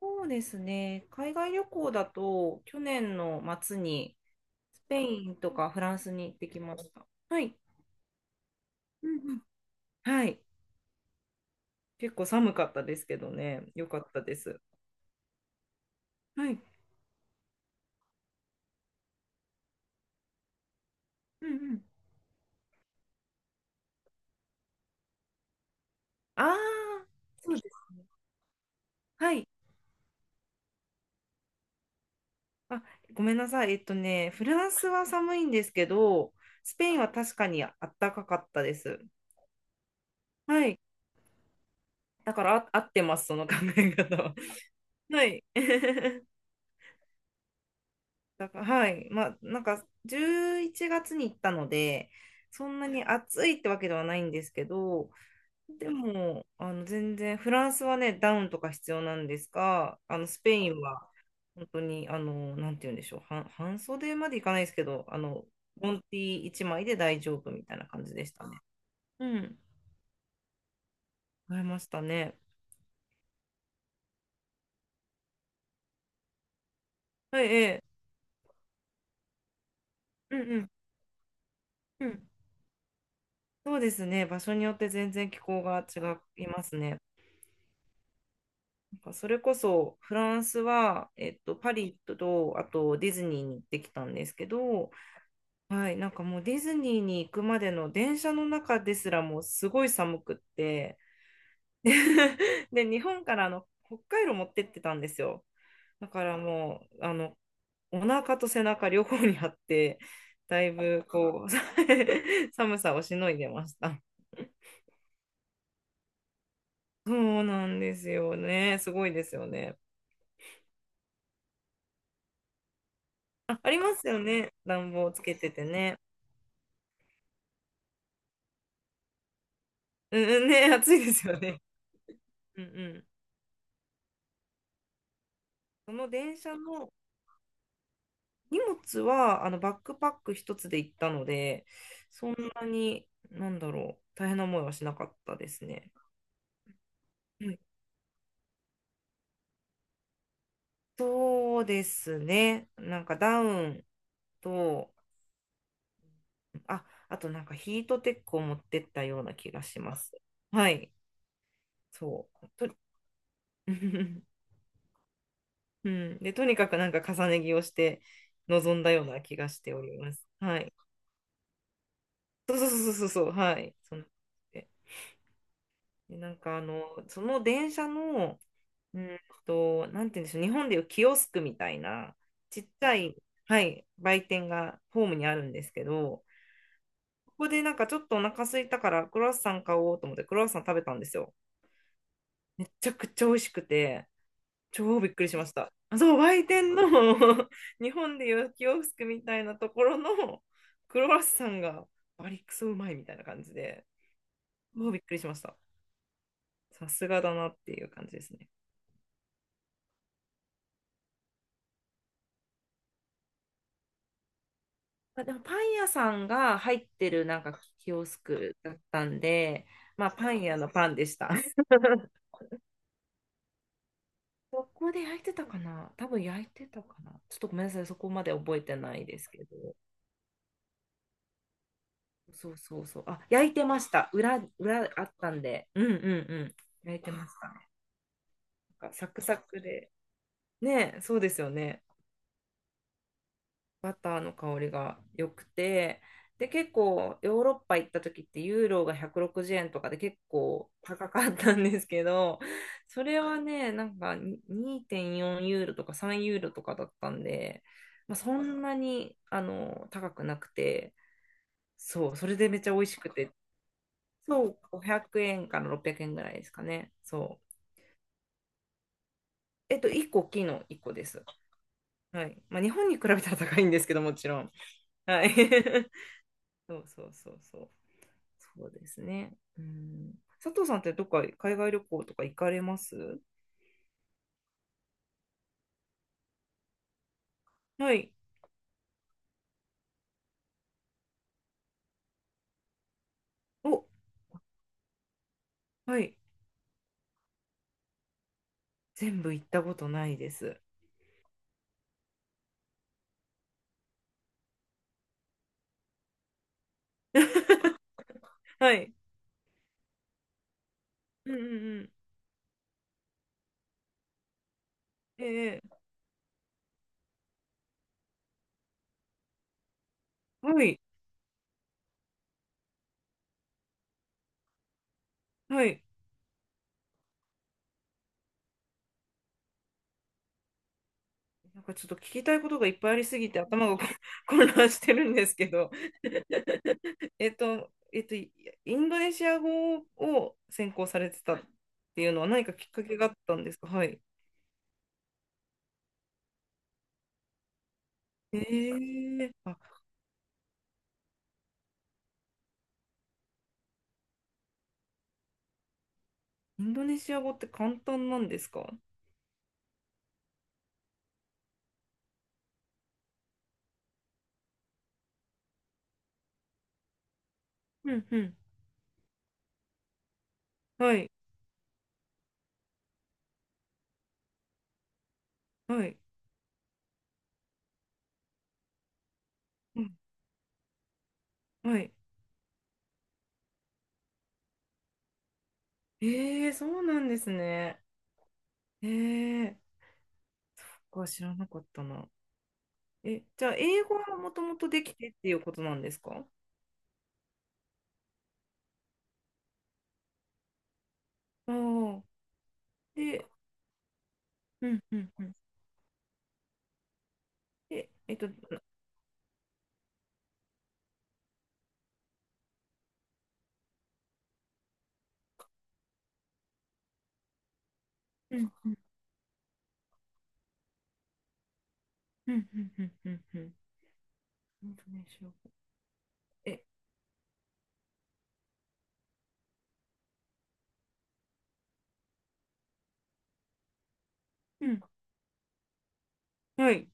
そうですね。海外旅行だと、去年の末にスペインとかフランスに行ってきました。はい。うんうん。はい。結構寒かったですけどね。よかったです。はい。うんうん。ああ、そうです。はい。あ、ごめんなさい。ね、フランスは寒いんですけど、スペインは確かにあったかかったです。はい。だからあ、合ってます、その考え方は。はい。だから、はい。まあ、なんか、11月に行ったので、そんなに暑いってわけではないんですけど、でも、あの、全然、フランスはね、ダウンとか必要なんですが、あの、スペインは、本当に、あの、なんて言うんでしょう、半袖までいかないですけど、あの、ボンティ1枚で大丈夫みたいな感じでしたね。うん。買いましたね。はい、ええ。うんうん。うん。そうですね。場所によって全然気候が違いますね。それこそフランスは、パリとあとディズニーに行ってきたんですけど、はい、なんかもうディズニーに行くまでの電車の中ですらもうすごい寒くってで で日本から、あの、北海道持ってってたんですよ。だからもう、あの、お腹と背中両方にあって、だいぶこう 寒さをしのいでました。そうなんですよね、すごいですよね。あ、ありますよね。暖房つけててね。うんうんね、暑いですよね。うんうん。その電車の。荷物は、バックパック一つで行ったので、そんなに、なんだろう、大変な思いはしなかったですね。うん。そうですね。なんかダウンと、あ、あとなんかヒートテックを持ってったような気がします。はい、そう。と うん。で、とにかくなんか重ね着をして臨んだような気がしております。はい。そうそうそうそうそう、はい。そので、でなんか、あの、その電車の、うんなんて言うんでしょう、日本でいうキオスクみたいな、ちっちゃい、はい、売店がホームにあるんですけど、ここでなんかちょっとお腹空いたからクロワッサン買おうと思ってクロワッサン食べたんですよ。めちゃくちゃ美味しくて、超びっくりしました。そう、売店の 日本でいうキオスクみたいなところのクロワッサンがバリクソうまいみたいな感じで、もうびっくりしました。さすがだなっていう感じですね。まあ、でもパン屋さんが入ってるなんかキオスクだったんで、まあパン屋のパンでした。そこで焼いてたかな、多分焼いてたかな、ちょっとごめんなさい、そこまで覚えてないですけど。そうそうそう。あ、焼いてました。裏あったんで。うんうんうん。焼いてましたね。なんかサクサクで。ねえ、そうですよね。バターの香りが良くて。で、結構ヨーロッパ行った時ってユーロが160円とかで結構高かったんですけど、それはね、なんかに2.4ユーロとか3ユーロとかだったんで、まあ、そんなに高くなくて、そう、それでめっちゃ美味しくて、そう、500円から600円ぐらいですかね。そう。1個大きいの1個です。はい。まあ、日本に比べたら高いんですけど、もちろん。はい。そうそうそうそう。そうですね。うん。佐藤さんってどっか海外旅行とか行かれます？はい。お、はい。全部行ったことないです。はい。うんうんうん。ええ、はい。はい。なんかちょっと聞きたいことがいっぱいありすぎて頭が混乱してるんですけど。インドネシア語を専攻されてたっていうのは何かきっかけがあったんですか？はい。あ、インドネシア語って簡単なんですか？うんうん。はい、はい、うん、はい。ええ、そうなんですね。ええ、僕は知らなかったな。え、じゃあ、英語はもともとできてっていうことなんですか？ああ。で、うんうんうん。で、うんうんうんうんうんうんうん。インドネシア語。え、はい。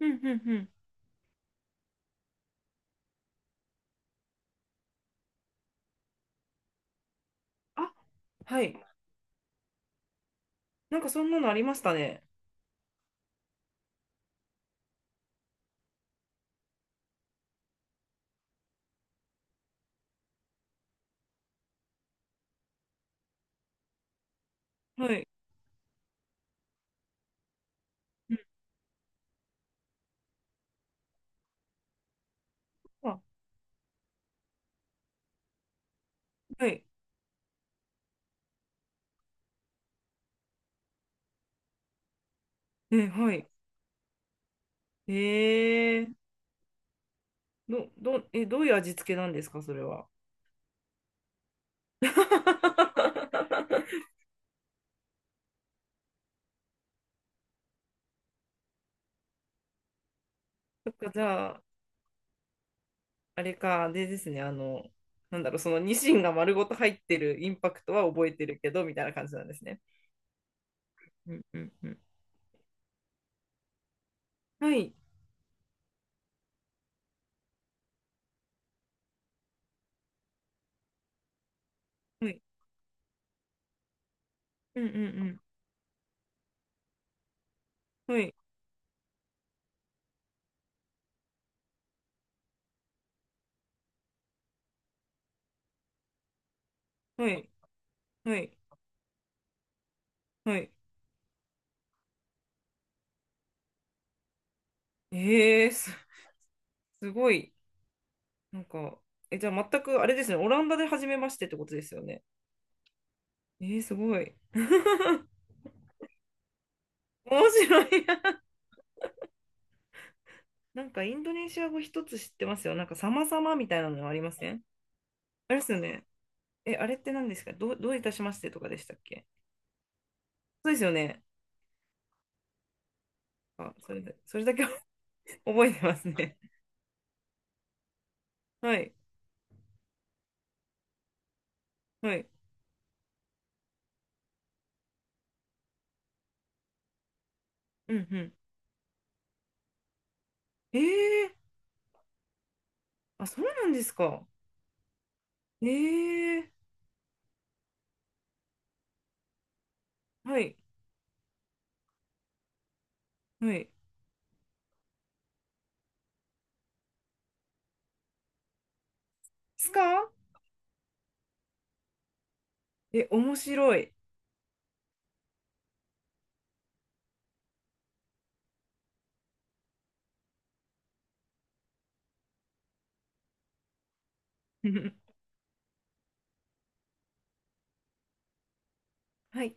うんうんうん。あ、はい。なんかそんなのありましたね。はい。うん。あ、はい。え、はい。えー、どういう味付けなんですか、それは。そっか、じゃあ、あれか、でですね、なんだろう、そのニシンが丸ごと入ってるインパクトは覚えてるけど、みたいな感じなんですね。うんうんうん。はい、はい、うんうんうん。はい、はい、はい、はい。えー、す、すごい。なんか、え、じゃあ全くあれですね、オランダで初めましてってことですよね。すごい。面白いな。なんかインドネシア語一つ知ってますよ。なんか様々みたいなのありません？あれですよね。え、あれって何ですか？どういたしましてとかでしたっけ？そうですよね。あ、それだけ 覚えてますね。はい。はい。うんうん。えー、あ、そうなんですか。えー、はい。はい。ですか？え、面白い。はい。